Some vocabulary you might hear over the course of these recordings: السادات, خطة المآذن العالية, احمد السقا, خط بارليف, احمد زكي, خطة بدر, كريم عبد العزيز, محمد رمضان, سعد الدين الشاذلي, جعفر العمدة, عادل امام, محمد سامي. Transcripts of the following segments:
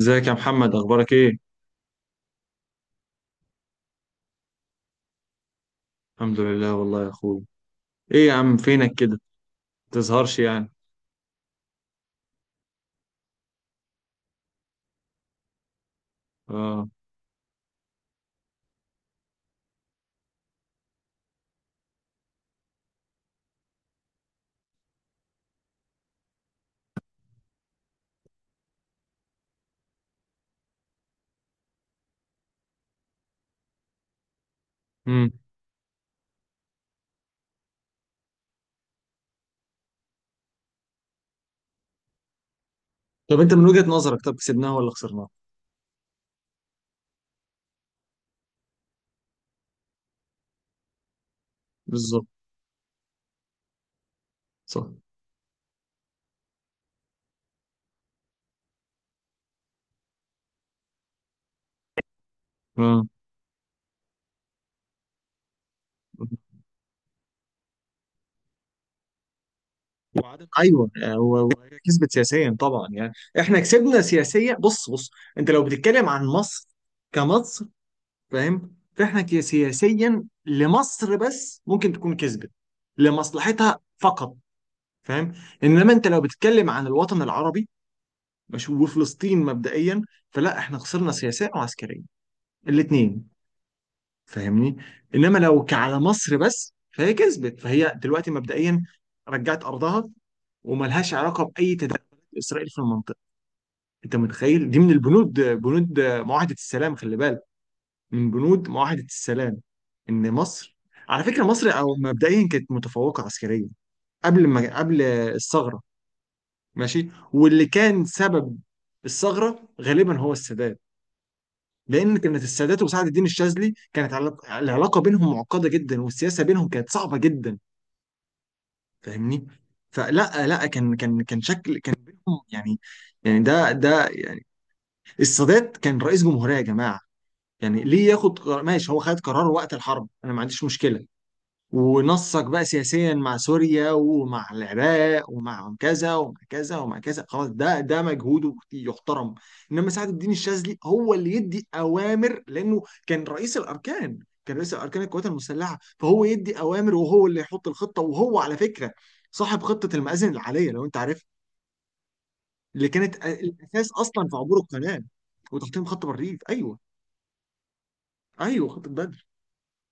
ازيك يا محمد، اخبارك ايه؟ الحمد لله والله يا اخويا. ايه يا عم، فينك كده؟ متظهرش يعني. اه. امم طب انت من وجهة نظرك، طب كسبناها ولا خسرناها؟ بالظبط. صح. اه. ايوه، وهي كسبت سياسيا طبعا يعني. احنا كسبنا سياسيا. بص بص، انت لو بتتكلم عن مصر، كمصر، فاهم. فاحنا سياسيا لمصر بس ممكن تكون كسبت لمصلحتها فقط. فاهم. انما انت لو بتتكلم عن الوطن العربي مش وفلسطين مبدئيا، فلا احنا خسرنا سياسيا وعسكريا، الاثنين. فاهمني. انما لو على مصر بس فهي كسبت، فهي دلوقتي مبدئيا رجعت ارضها، وملهاش علاقه باي تدخلات اسرائيل في المنطقه. انت متخيل دي من البنود، بنود معاهده السلام؟ خلي بالك من بنود معاهده السلام ان مصر، على فكره مصر او مبدئيا كانت متفوقه عسكريا قبل ما قبل الثغره. ماشي، واللي كان سبب الثغره غالبا هو السادات، لان كانت السادات وسعد الدين الشاذلي كانت العلاقه بينهم معقده جدا، والسياسه بينهم كانت صعبه جدا. فاهمني. فلا لا كان شكل كان بينهم يعني، يعني ده يعني السادات كان رئيس جمهوريه يا جماعه، يعني ليه ياخد قرار؟ ماشي، هو خد قرار وقت الحرب، انا ما عنديش مشكله، ونصك بقى سياسيا مع سوريا ومع العراق ومع كذا ومع كذا ومع كذا، خلاص، ده مجهوده يحترم. انما سعد الدين الشاذلي هو اللي يدي اوامر لانه كان رئيس الاركان، كان رئيس الاركان القوات المسلحه، فهو يدي اوامر وهو اللي يحط الخطه، وهو على فكره صاحب خطه المآذن العاليه لو انت عارف، اللي كانت الاساس اصلا في عبور القناه وتحطيم خط بارليف. ايوه. ايوه، خطه بدر.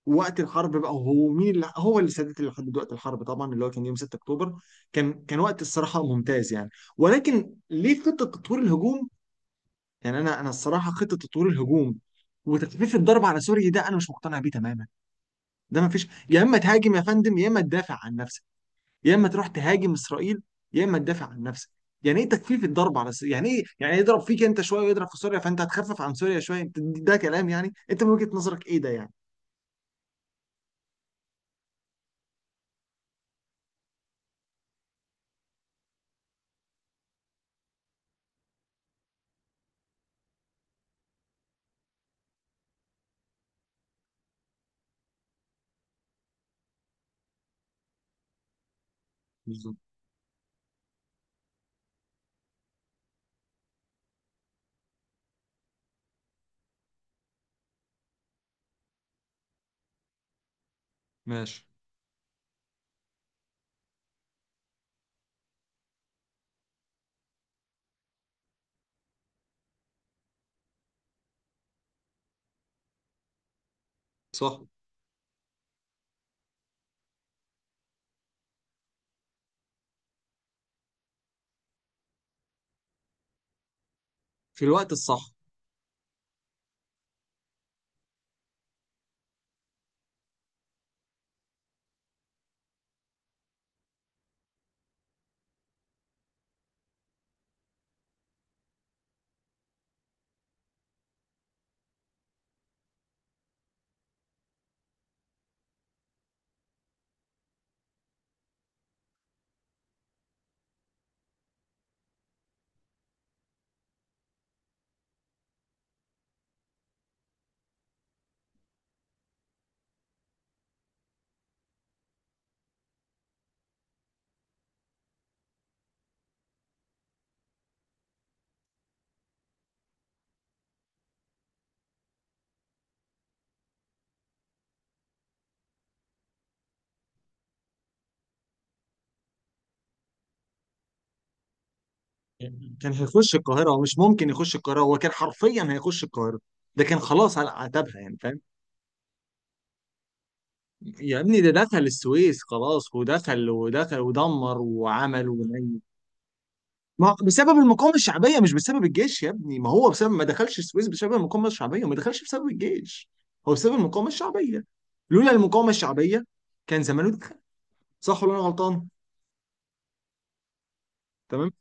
وقت الحرب بقى، هو مين اللي سادات اللي حدد وقت الحرب طبعا، اللي هو كان يوم 6 اكتوبر. كان وقت الصراحه ممتاز يعني، ولكن ليه خطه تطوير الهجوم؟ يعني انا الصراحه، خطه تطوير الهجوم وتخفيف الضرب على سوريا، ده انا مش مقتنع بيه تماما. ده ما فيش، يا اما تهاجم يا فندم يا اما تدافع عن نفسك، يا اما تروح تهاجم اسرائيل يا اما تدافع عن نفسك. يعني ايه تخفيف الضرب على سوريا؟ يعني ايه، يعني يضرب فيك انت شويه ويضرب في سوريا فانت هتخفف عن سوريا شويه؟ ده كلام؟ يعني انت من وجهه نظرك ايه ده يعني؟ بالظبط. ماشي. صح. في الوقت الصح. كان هيخش القاهرة، هو مش ممكن يخش القاهرة، هو كان حرفيا هيخش القاهرة، ده كان خلاص على عتبها يعني، فاهم. يا ابني ده دخل السويس خلاص، ودخل ودخل ودمر وعمل ونيل. ما بسبب المقاومة الشعبية، مش بسبب الجيش يا ابني، ما هو بسبب ما دخلش السويس بسبب المقاومة الشعبية، وما دخلش بسبب الجيش. هو بسبب المقاومة الشعبية، لولا المقاومة الشعبية كان زمانه دخل. صح ولا انا غلطان؟ تمام.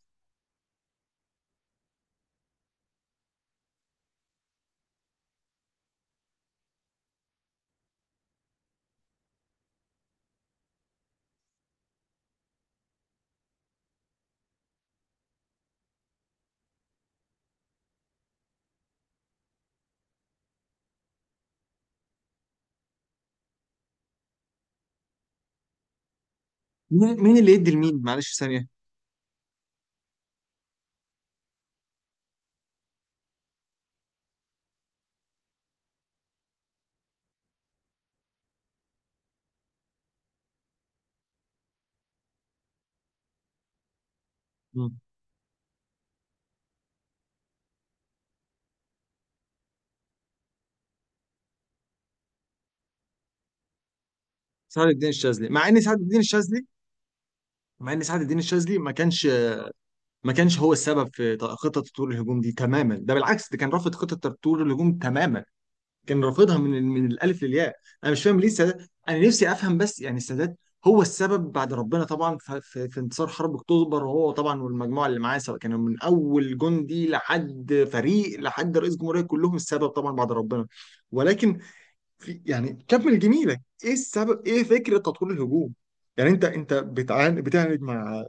مين اللي يدي لمين؟ معلش ثانية. مم. سعد الدين الشاذلي مع ان سعد الدين الشاذلي مع ان سعد الدين الشاذلي ما كانش، ما كانش هو السبب في خطه تطوير الهجوم دي تماما، ده بالعكس ده كان رافض خطه تطوير الهجوم تماما، كان رافضها من الالف للياء. انا مش فاهم ليه السادات، انا نفسي افهم بس يعني السادات هو السبب بعد ربنا طبعا في انتصار حرب اكتوبر، هو طبعا والمجموعه اللي معاه، سواء كانوا من اول جندي لحد فريق لحد رئيس جمهوريه، كلهم السبب طبعا بعد ربنا. ولكن في يعني كمل جميلك، ايه السبب، ايه فكره تطوير الهجوم؟ يعني انت بتعاند مع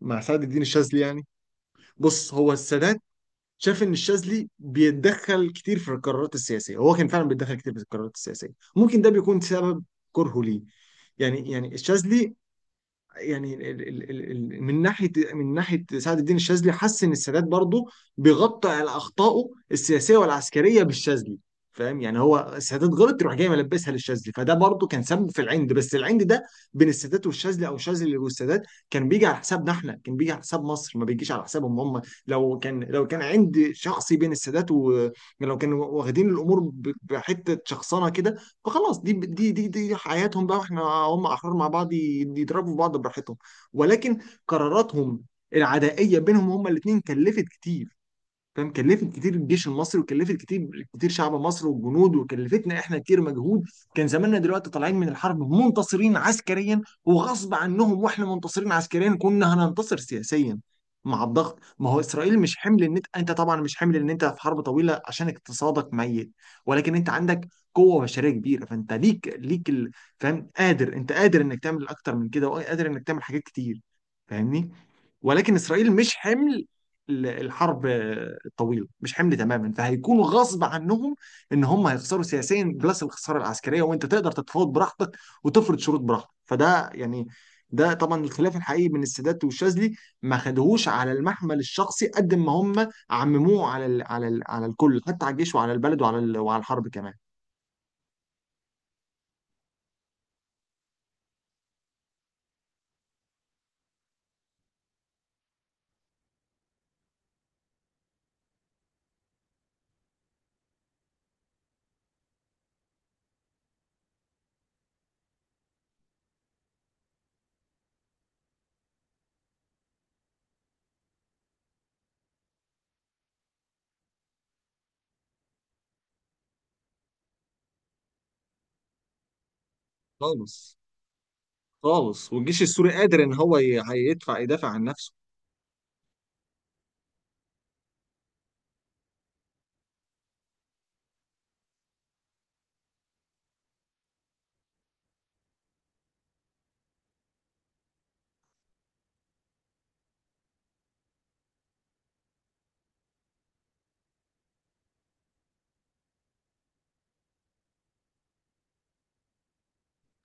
مع سعد الدين الشاذلي يعني. بص، هو السادات شاف ان الشاذلي بيتدخل كتير في القرارات السياسيه، هو كان فعلا بيتدخل كتير في القرارات السياسيه، ممكن ده بيكون سبب كرهه ليه. يعني الشاذلي يعني من ناحيه سعد الدين الشاذلي حس ان السادات برضه بيغطي على اخطائه السياسيه والعسكريه بالشاذلي، فاهم؟ يعني هو السادات غلط يروح جاي ملبسها للشاذلي، فده برضه كان سبب في العند. بس العند ده بين السادات والشاذلي او الشاذلي والسادات كان بيجي على حسابنا احنا، كان بيجي على حساب مصر، ما بيجيش على حسابهم هم. لو كان عند شخصي بين السادات و، لو كانوا واخدين الامور بحته شخصنه كده، فخلاص دي حياتهم بقى، واحنا هم احرار مع بعض، يضربوا في بعض براحتهم. ولكن قراراتهم العدائيه بينهم هم الاثنين كلفت كتير، فاهم، كلفت كتير الجيش المصري، وكلفت كتير كتير شعب مصر والجنود، وكلفتنا احنا كتير مجهود. كان زماننا دلوقتي طالعين من الحرب منتصرين عسكريا، وغصب عنهم واحنا منتصرين عسكريا كنا هننتصر سياسيا مع الضغط. ما هو اسرائيل مش حمل ان انت طبعا مش حمل ان انت في حرب طويله عشان اقتصادك ميت، ولكن انت عندك قوه بشريه كبيره، فانت ليك فاهم، قادر، انت قادر انك تعمل اكتر من كده، وقادر انك تعمل حاجات كتير، فاهمني. ولكن اسرائيل مش حمل الحرب الطويله، مش حمل تماما، فهيكونوا غصب عنهم ان هم هيخسروا سياسيا بلس الخساره العسكريه، وانت تقدر تتفاوض براحتك، وتفرض شروط براحتك، فده يعني، ده طبعا الخلاف الحقيقي بين السادات والشاذلي. ما خدوهوش على المحمل الشخصي، قد ما هم عمموه على الكل، حتى على الجيش وعلى البلد وعلى الحرب كمان. خالص. خالص، والجيش السوري قادر ان هو ي- هيدفع يدافع عن نفسه.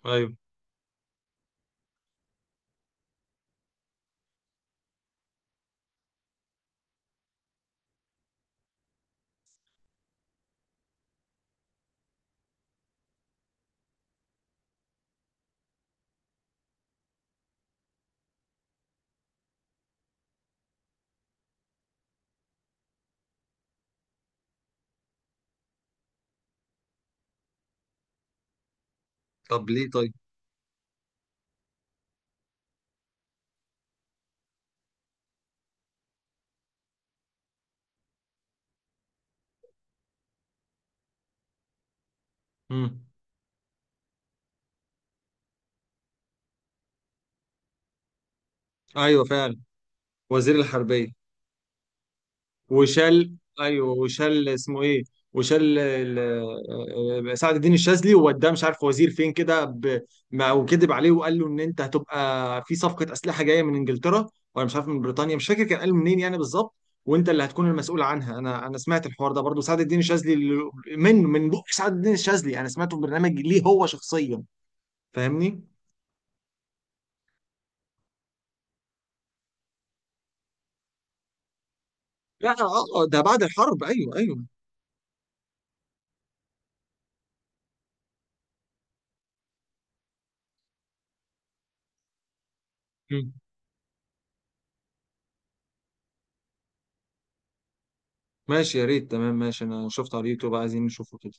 ايوه. طب ليه؟ طيب. امم ايوه فعلا. وزير الحربيه. وشال. ايوه، وشال اسمه ايه؟ وشال سعد الدين الشاذلي ووداه مش عارف وزير فين كده، وكذب عليه وقال له ان انت هتبقى في صفقه اسلحه جايه من انجلترا، ولا مش عارف من بريطانيا، مش فاكر كان قال منين يعني بالظبط، وانت اللي هتكون المسؤول عنها. انا سمعت الحوار ده برضو، سعد الدين الشاذلي من بق سعد الدين الشاذلي، انا سمعته في برنامج ليه هو شخصيا. فاهمني؟ لا، اه، ده بعد الحرب. ايوه ايوه. مم. ماشي، يا ريت. تمام ماشي، انا شفت على اليوتيوب، عايزين نشوفه كده.